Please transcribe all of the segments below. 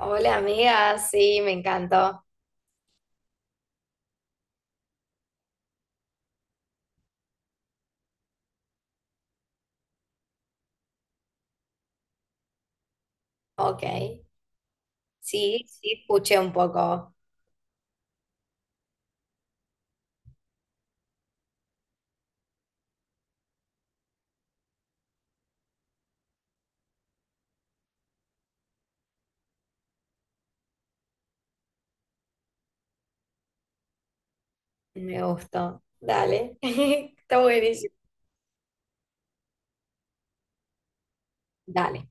Hola amiga, sí, me encantó. Ok, sí, escuché un poco, me gustó. Dale, está buenísimo. Dale.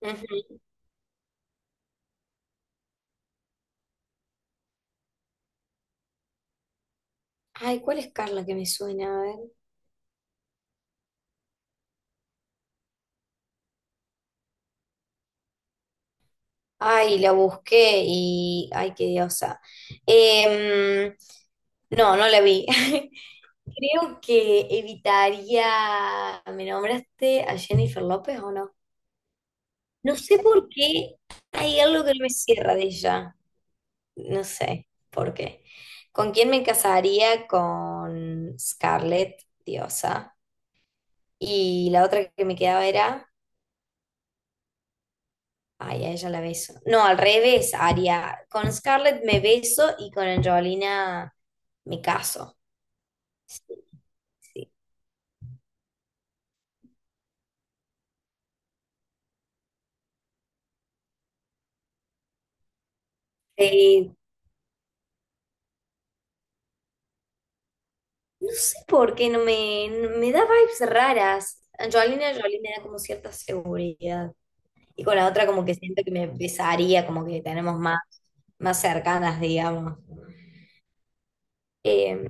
Ujú. Ay, ¿cuál es Carla que me suena? A ver. Ay, la busqué y... Ay, qué diosa. Em, no, la vi. Creo que evitaría... ¿Me nombraste a Jennifer López o no? No sé por qué hay algo que no me cierra de ella. No sé por qué. ¿Con quién me casaría? Con Scarlett, diosa. Y la otra que me quedaba era. Ay, a ella la beso. No, al revés, Aria. Con Scarlett me beso y con Angelina me caso. Sí, sí. Sí, no sé por qué me da vibes raras. Angelina Jolie me da como cierta seguridad. Y con la otra como que siento que me besaría, como que tenemos más, más cercanas, digamos. Eh,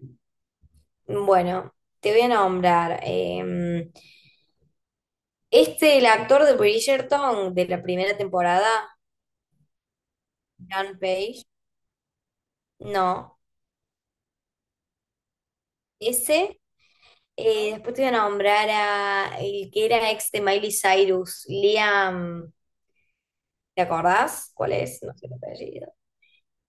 bueno, te voy a nombrar. El actor de Bridgerton de la primera temporada, John Page. No, ese. Después te voy a nombrar a el que era ex de Miley Cyrus, Liam. ¿Te acordás cuál es? No sé el apellido.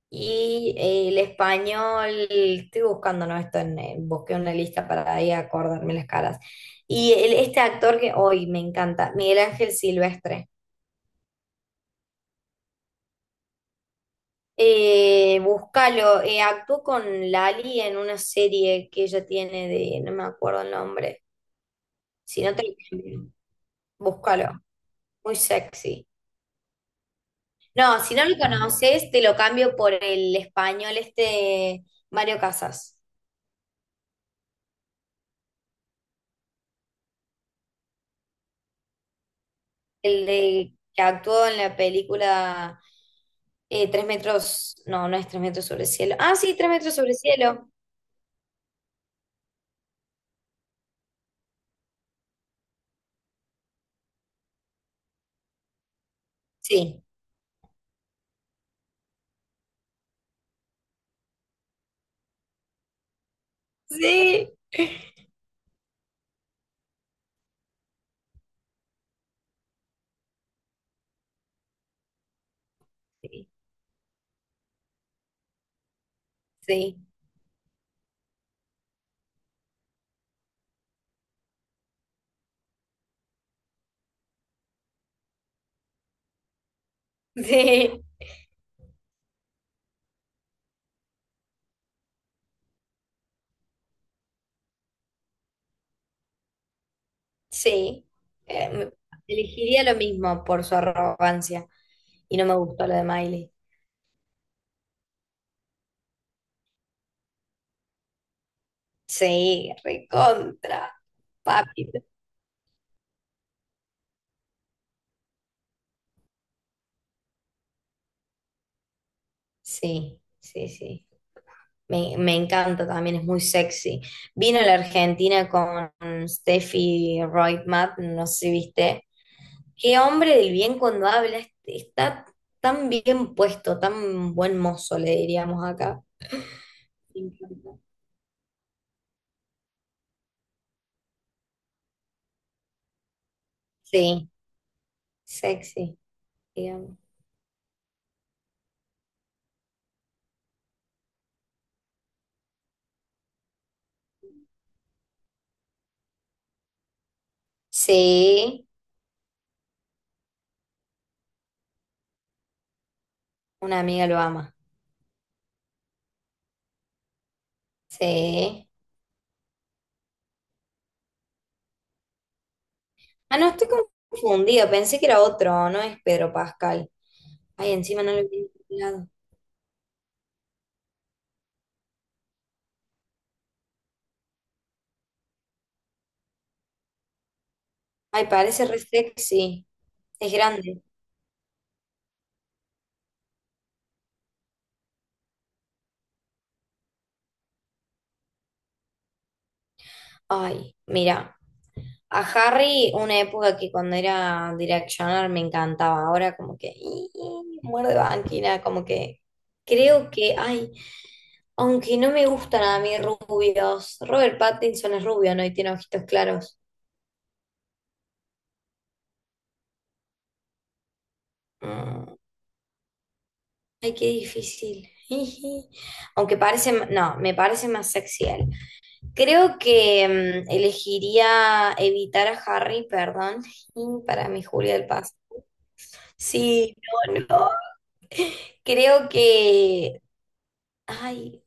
Y el español, estoy buscando, ¿no? Esto busqué una lista para ahí acordarme las caras. Este actor que hoy me encanta, Miguel Ángel Silvestre. Búscalo, actuó con Lali en una serie que ella tiene de, no me acuerdo el nombre. Si no te lo cambio, búscalo. Muy sexy. No, si no lo conoces, te lo cambio por el español este Mario Casas. El de que actuó en la película Tres metros, no, no es Tres metros sobre el cielo. Ah, sí, Tres metros sobre el cielo. Sí, sí, sí, sí, sí. Sí. Eh, me- elegiría lo mismo por su arrogancia y no me gustó lo de Miley. Sí, recontra, papi. Sí, sí, sí. Me encanta también, es muy sexy. Vino a la Argentina con Steffi Reutemann, no sé si viste. Qué hombre del bien cuando habla, está tan bien puesto, tan buen mozo, le diríamos acá. Me encanta. Sí, sexy, digamos. Sí, una amiga lo ama. Sí. Ah, no, estoy confundida, pensé que era otro, no es Pedro Pascal. Ay, encima no lo he mirado. Ay, parece re sexy, es grande. Ay, mira. A Harry, una época que cuando era Directioner me encantaba, ahora como que "Ih, muerde banquina, como que creo que, ay, aunque no me gustan a mí rubios, Robert Pattinson es rubio, ¿no? Y tiene ojitos claros. Mm, Ay, qué difícil. Jiji. Aunque parece, ma- no, me parece más sexy él. Creo que elegiría evitar a Harry, perdón, para mi Julia del Paso. Sí, no, no. Creo que ay,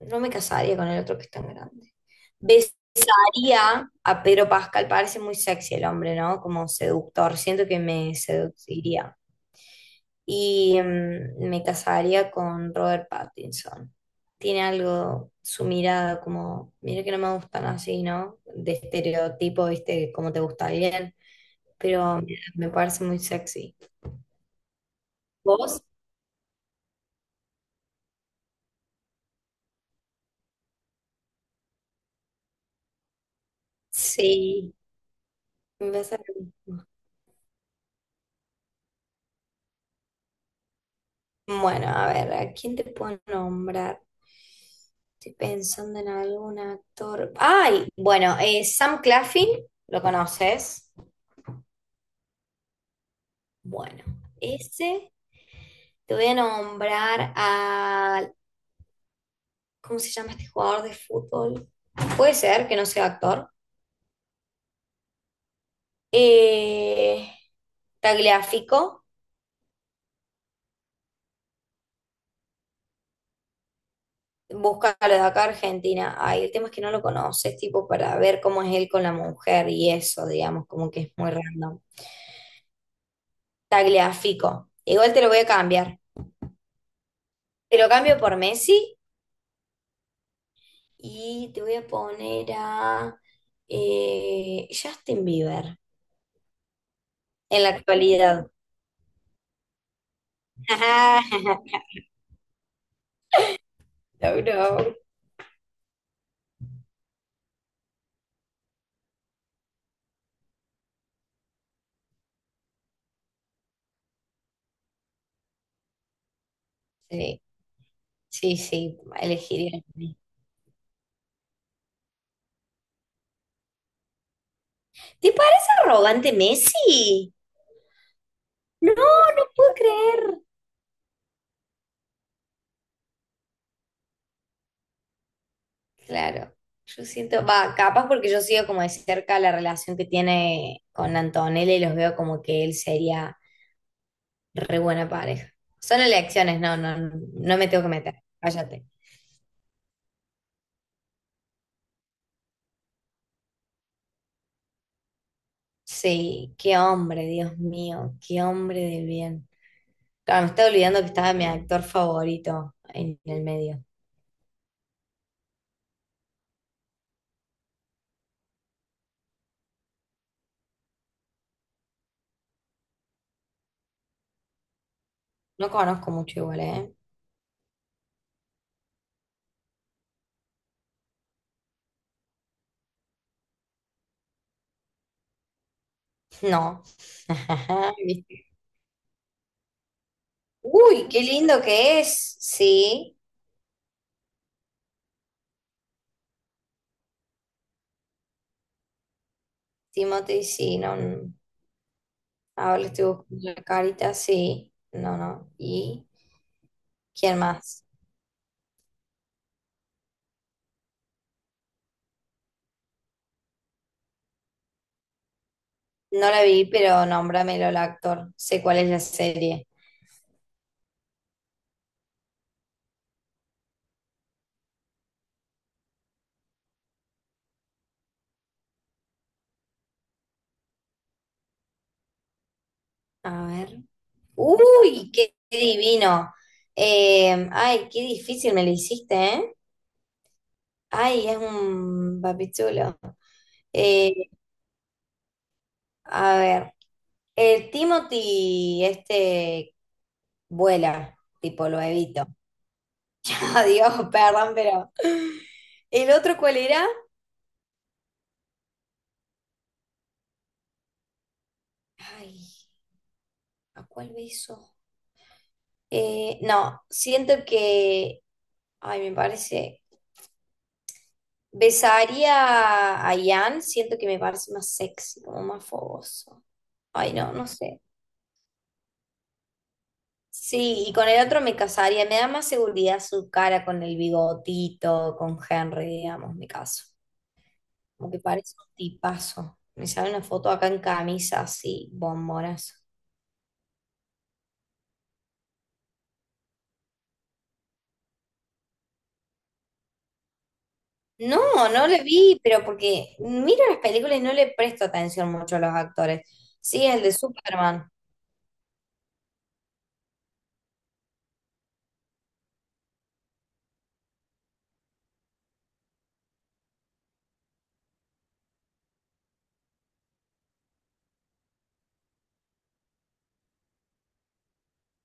no me casaría con el otro que es tan grande. Besaría a Pedro Pascal, parece muy sexy el hombre, ¿no? Como seductor, siento que me seduciría. Y me casaría con Robert Pattinson. Tiene algo, su mirada como, mira que no me gustan así, ¿no? De estereotipo, ¿viste? Como te gusta bien, pero me parece muy sexy. ¿Vos? Sí, me pasa lo mismo. Bueno, a ver, ¿a quién te puedo nombrar? Estoy pensando en algún actor. ¡Ay! Bueno, Sam Claflin, ¿lo conoces? Bueno, ese te voy a nombrar a. ¿Cómo se llama este jugador de fútbol? Puede ser que no sea actor. Eh, Tagliafico, búscalo de acá, Argentina. Ay, el tema es que no lo conoces, tipo, para ver cómo es él con la mujer y eso, digamos, como que es muy random. Tagliafico. Igual te lo voy a cambiar. Te lo cambio por Messi y te voy a poner a Justin Bieber en la actualidad. No, no. Sí, sí, sí, elegiría. A mí. ¿Te parece arrogante Messi? No, no puedo creer. Claro, yo siento, va, capaz porque yo sigo como de cerca la relación que tiene con Antonella y los veo como que él sería re buena pareja. Son elecciones, no me tengo que meter. Cállate. Sí, qué hombre, Dios mío, qué hombre de bien. Claro, me estaba olvidando que estaba mi actor favorito en el medio. No conozco mucho igual, ¿eh? No. ¿Viste? Uy, qué lindo que es. Sí, Timothy, sí, no. No. Ahora le estoy buscando la carita, sí. No, no. ¿Y quién más? No la vi, pero nómbramelo el actor. Sé cuál es la serie. A ver. ¡Uy! ¡Qué divino! Ay, qué difícil me lo hiciste, ¿eh? Ay, es un papichulo. Eh, a ver. El Timothy, este, vuela, tipo lo evito. Adiós, perdón, pero. ¿El otro cuál era? Ay, ¿a cuál beso? No, siento que, ay, me parece, besaría a Ian, siento que me parece más sexy, como más fogoso. Ay, no, no sé. Sí, y con el otro me casaría, me da más seguridad su cara con el bigotito, con Henry, digamos, me caso. Como que parece un tipazo. Me sale una foto acá en camisa, así, bombonas. No, no le vi, pero porque miro las películas y no le presto atención mucho a los actores. Sí, el de Superman.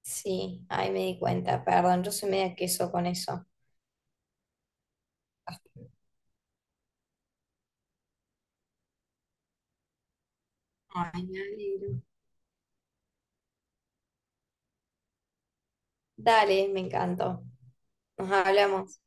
Sí, ahí me di cuenta, perdón, yo soy media queso con eso. Ah, ay, me alegro. Dale, me encantó. Nos hablamos.